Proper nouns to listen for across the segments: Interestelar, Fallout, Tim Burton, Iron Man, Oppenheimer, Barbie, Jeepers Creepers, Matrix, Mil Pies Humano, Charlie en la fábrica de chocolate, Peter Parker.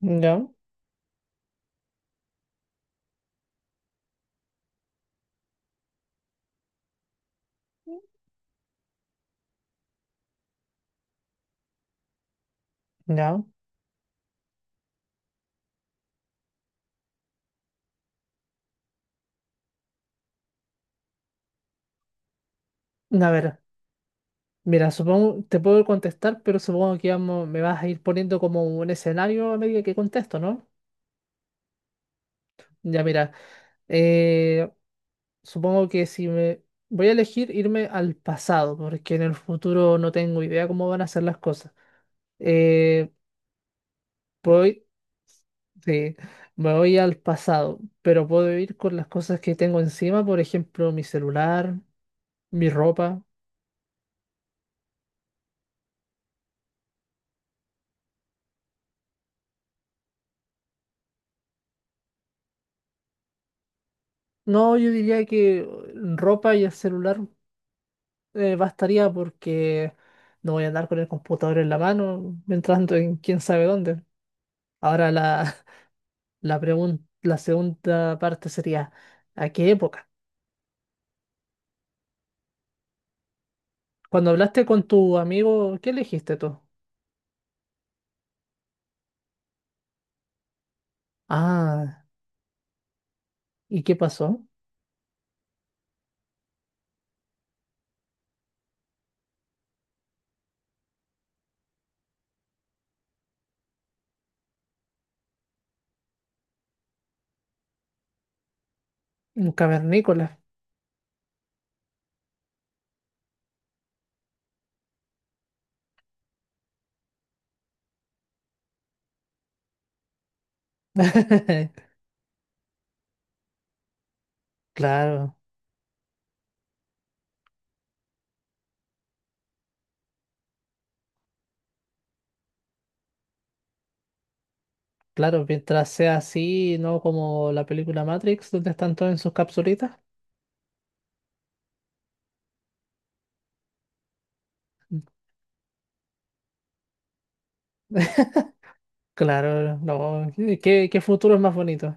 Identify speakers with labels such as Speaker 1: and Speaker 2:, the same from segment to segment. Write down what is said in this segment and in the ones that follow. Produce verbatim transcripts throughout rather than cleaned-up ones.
Speaker 1: Ya, ya. A ver, mira, supongo, te puedo contestar, pero supongo que vamos, me vas a ir poniendo como un escenario a medida que contesto, ¿no? Ya, mira, eh, supongo que si me... Voy a elegir irme al pasado, porque en el futuro no tengo idea cómo van a ser las cosas. Eh, puedo ir- sí, me voy al pasado, pero puedo ir con las cosas que tengo encima, por ejemplo, mi celular, mi ropa. No, yo diría que eh, ropa y el celular eh, bastaría porque no voy a andar con el computador en la mano, entrando en quién sabe dónde. Ahora la, la pregun- la segunda parte sería, ¿a qué época? Cuando hablaste con tu amigo, ¿qué elegiste tú? Ah, ¿y qué pasó? Un cavernícola. Claro, claro, mientras sea así, no como la película Matrix, donde están todos en sus capsulitas. Claro, no, ¿qué, qué futuro es más bonito?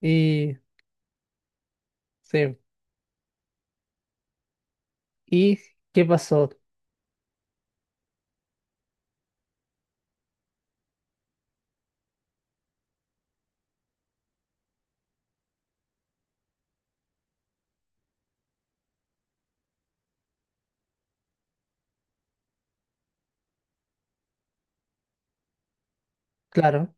Speaker 1: Y sí. ¿Y qué pasó? Claro,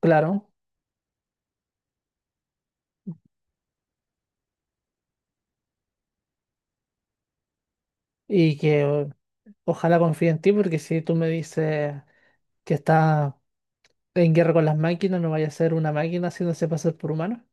Speaker 1: claro. Y que o- ojalá confíe en ti, porque si tú me dices que está en guerra con las máquinas, no vaya a ser una máquina haciéndose pasar por humano.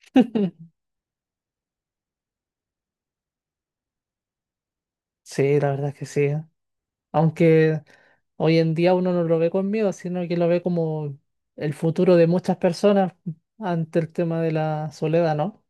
Speaker 1: Sí, la verdad es que sí. Aunque hoy en día uno no lo ve con miedo, sino que lo ve como el futuro de muchas personas ante el tema de la soledad, ¿no?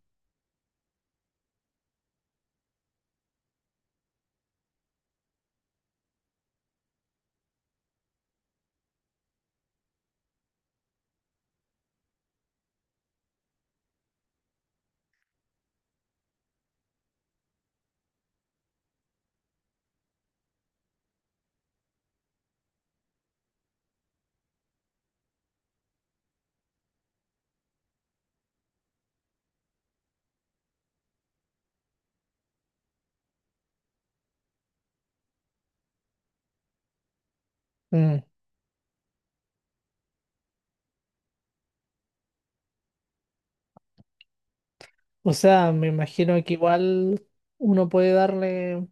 Speaker 1: Mm. O sea, me imagino que igual uno puede darle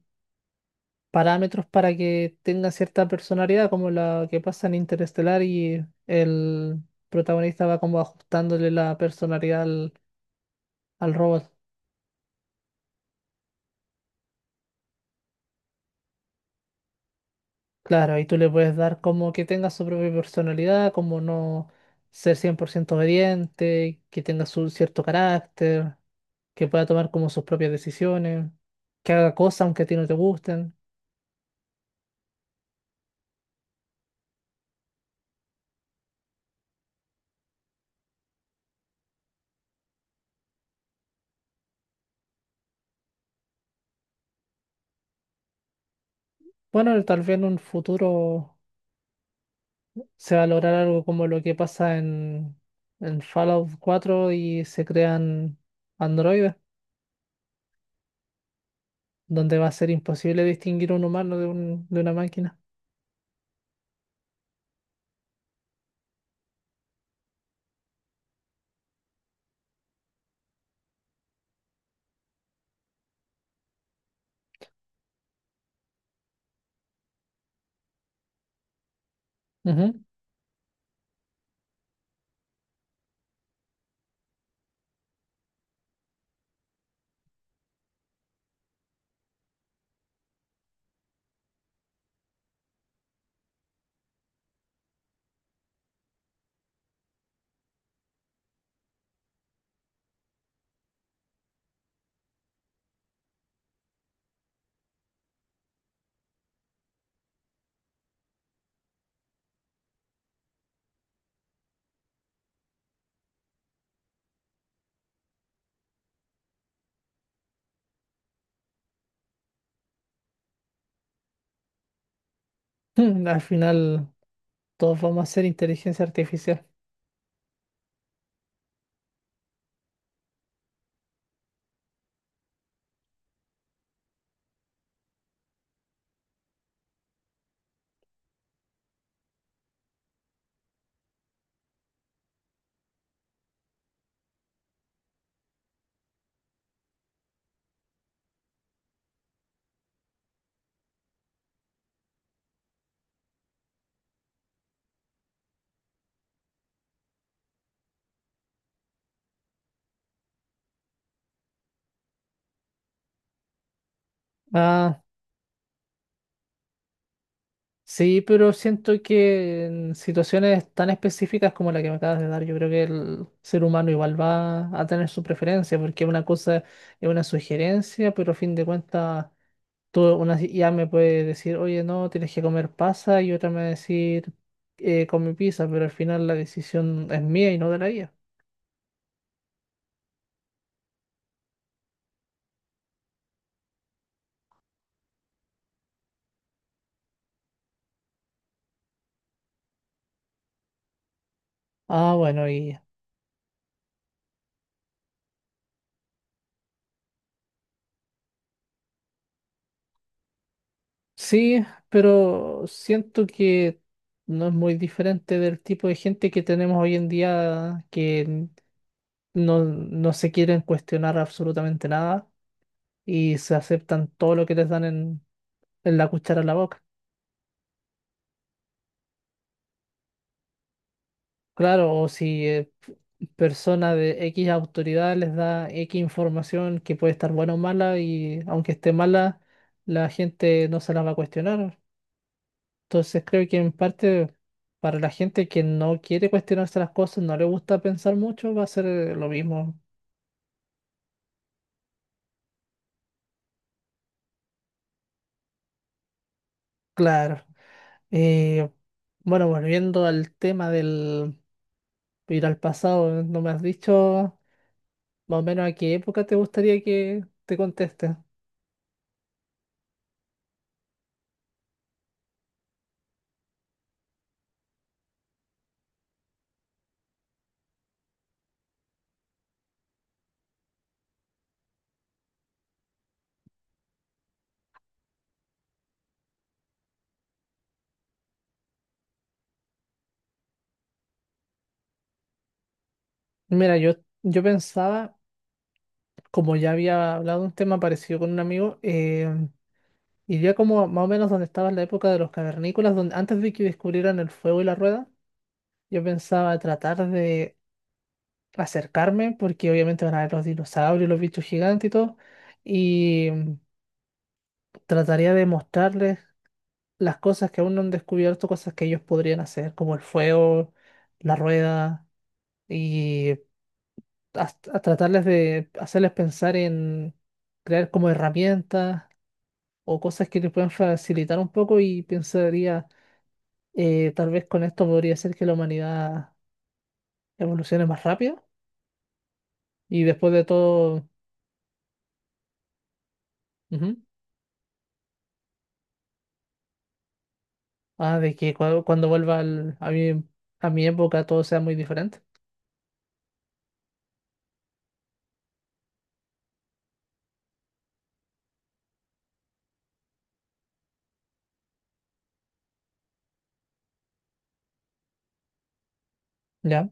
Speaker 1: parámetros para que tenga cierta personalidad, como la que pasa en Interestelar y el protagonista va como ajustándole la personalidad al, al robot. Claro, y tú le puedes dar como que tenga su propia personalidad, como no ser cien por ciento obediente, que tenga su cierto carácter, que pueda tomar como sus propias decisiones, que haga cosas aunque a ti no te gusten. Bueno, tal vez en un futuro se va a lograr algo como lo que pasa en, en Fallout cuatro y se crean androides, donde va a ser imposible distinguir un humano de, un- de una máquina. Ujú. Mm, al final, todos vamos a ser inteligencia artificial. Ah, sí, pero siento que en situaciones tan específicas como la que me acabas de dar, yo creo que el ser humano igual va a tener su preferencia, porque una cosa es una sugerencia, pero a fin de cuentas tú, una si- ya me puede decir, oye, no, tienes que comer pasa, y otra me va a decir, eh, come pizza, pero al final la decisión es mía y no de la I A. Ah, bueno, y sí, pero siento que no es muy diferente del tipo de gente que tenemos hoy en día que no, no se quieren cuestionar absolutamente nada y se aceptan todo lo que les dan en, en la cuchara en la boca. Claro, o si eh, p- persona de X autoridad les da X información que puede estar buena o mala y aunque esté mala, la gente no se la va a cuestionar. Entonces creo que en parte para la gente que no quiere cuestionarse las cosas, no le gusta pensar mucho, va a ser eh, lo mismo. Claro. Eh, bueno, volviendo al tema del ir al pasado, no me has dicho más o menos a qué época te gustaría que te conteste. Mira, yo, yo pensaba como ya había hablado de un tema parecido con un amigo, eh, iría como más o menos donde estaba en la época de los cavernícolas, donde antes de que descubrieran el fuego y la rueda, yo pensaba tratar de acercarme, porque obviamente van a ver los dinosaurios, los bichos gigantes y todo, y mm, trataría de mostrarles las cosas que aún no han descubierto, cosas que ellos podrían hacer, como el fuego, la rueda, y a, a tratarles de hacerles pensar en crear como herramientas o cosas que te puedan facilitar un poco y pensaría, eh, tal vez con esto podría ser que la humanidad evolucione más rápido y después de todo, ujú, ah, de que cua- cuando, vuelva al- a mi, a mi época todo sea muy diferente. Ya,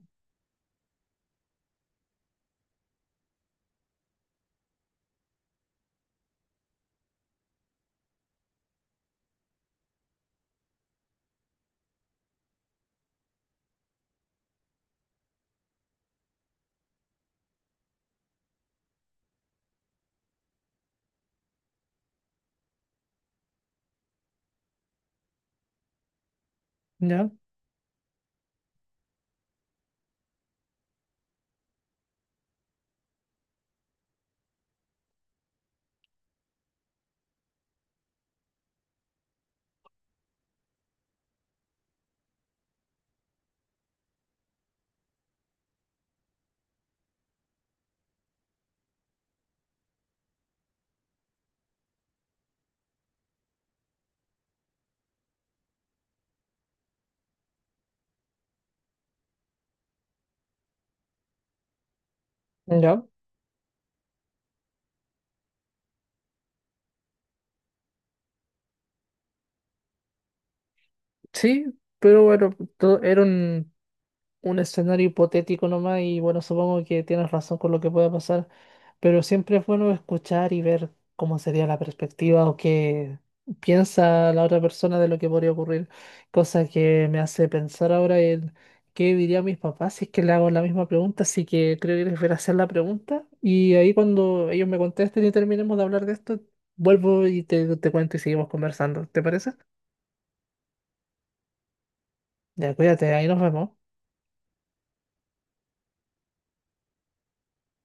Speaker 1: ya, ya. Sí, pero bueno, todo, era un un escenario hipotético nomás y bueno, supongo que tienes razón con lo que pueda pasar, pero siempre es bueno escuchar y ver cómo sería la perspectiva o qué piensa la otra persona de lo que podría ocurrir, cosa que me hace pensar ahora en qué dirían mis papás si es que le hago la misma pregunta, así que creo que les voy a hacer la pregunta y ahí cuando ellos me contesten y terminemos de hablar de esto, vuelvo y te, te cuento y seguimos conversando, ¿te parece? Ya, cuídate, ahí nos vemos.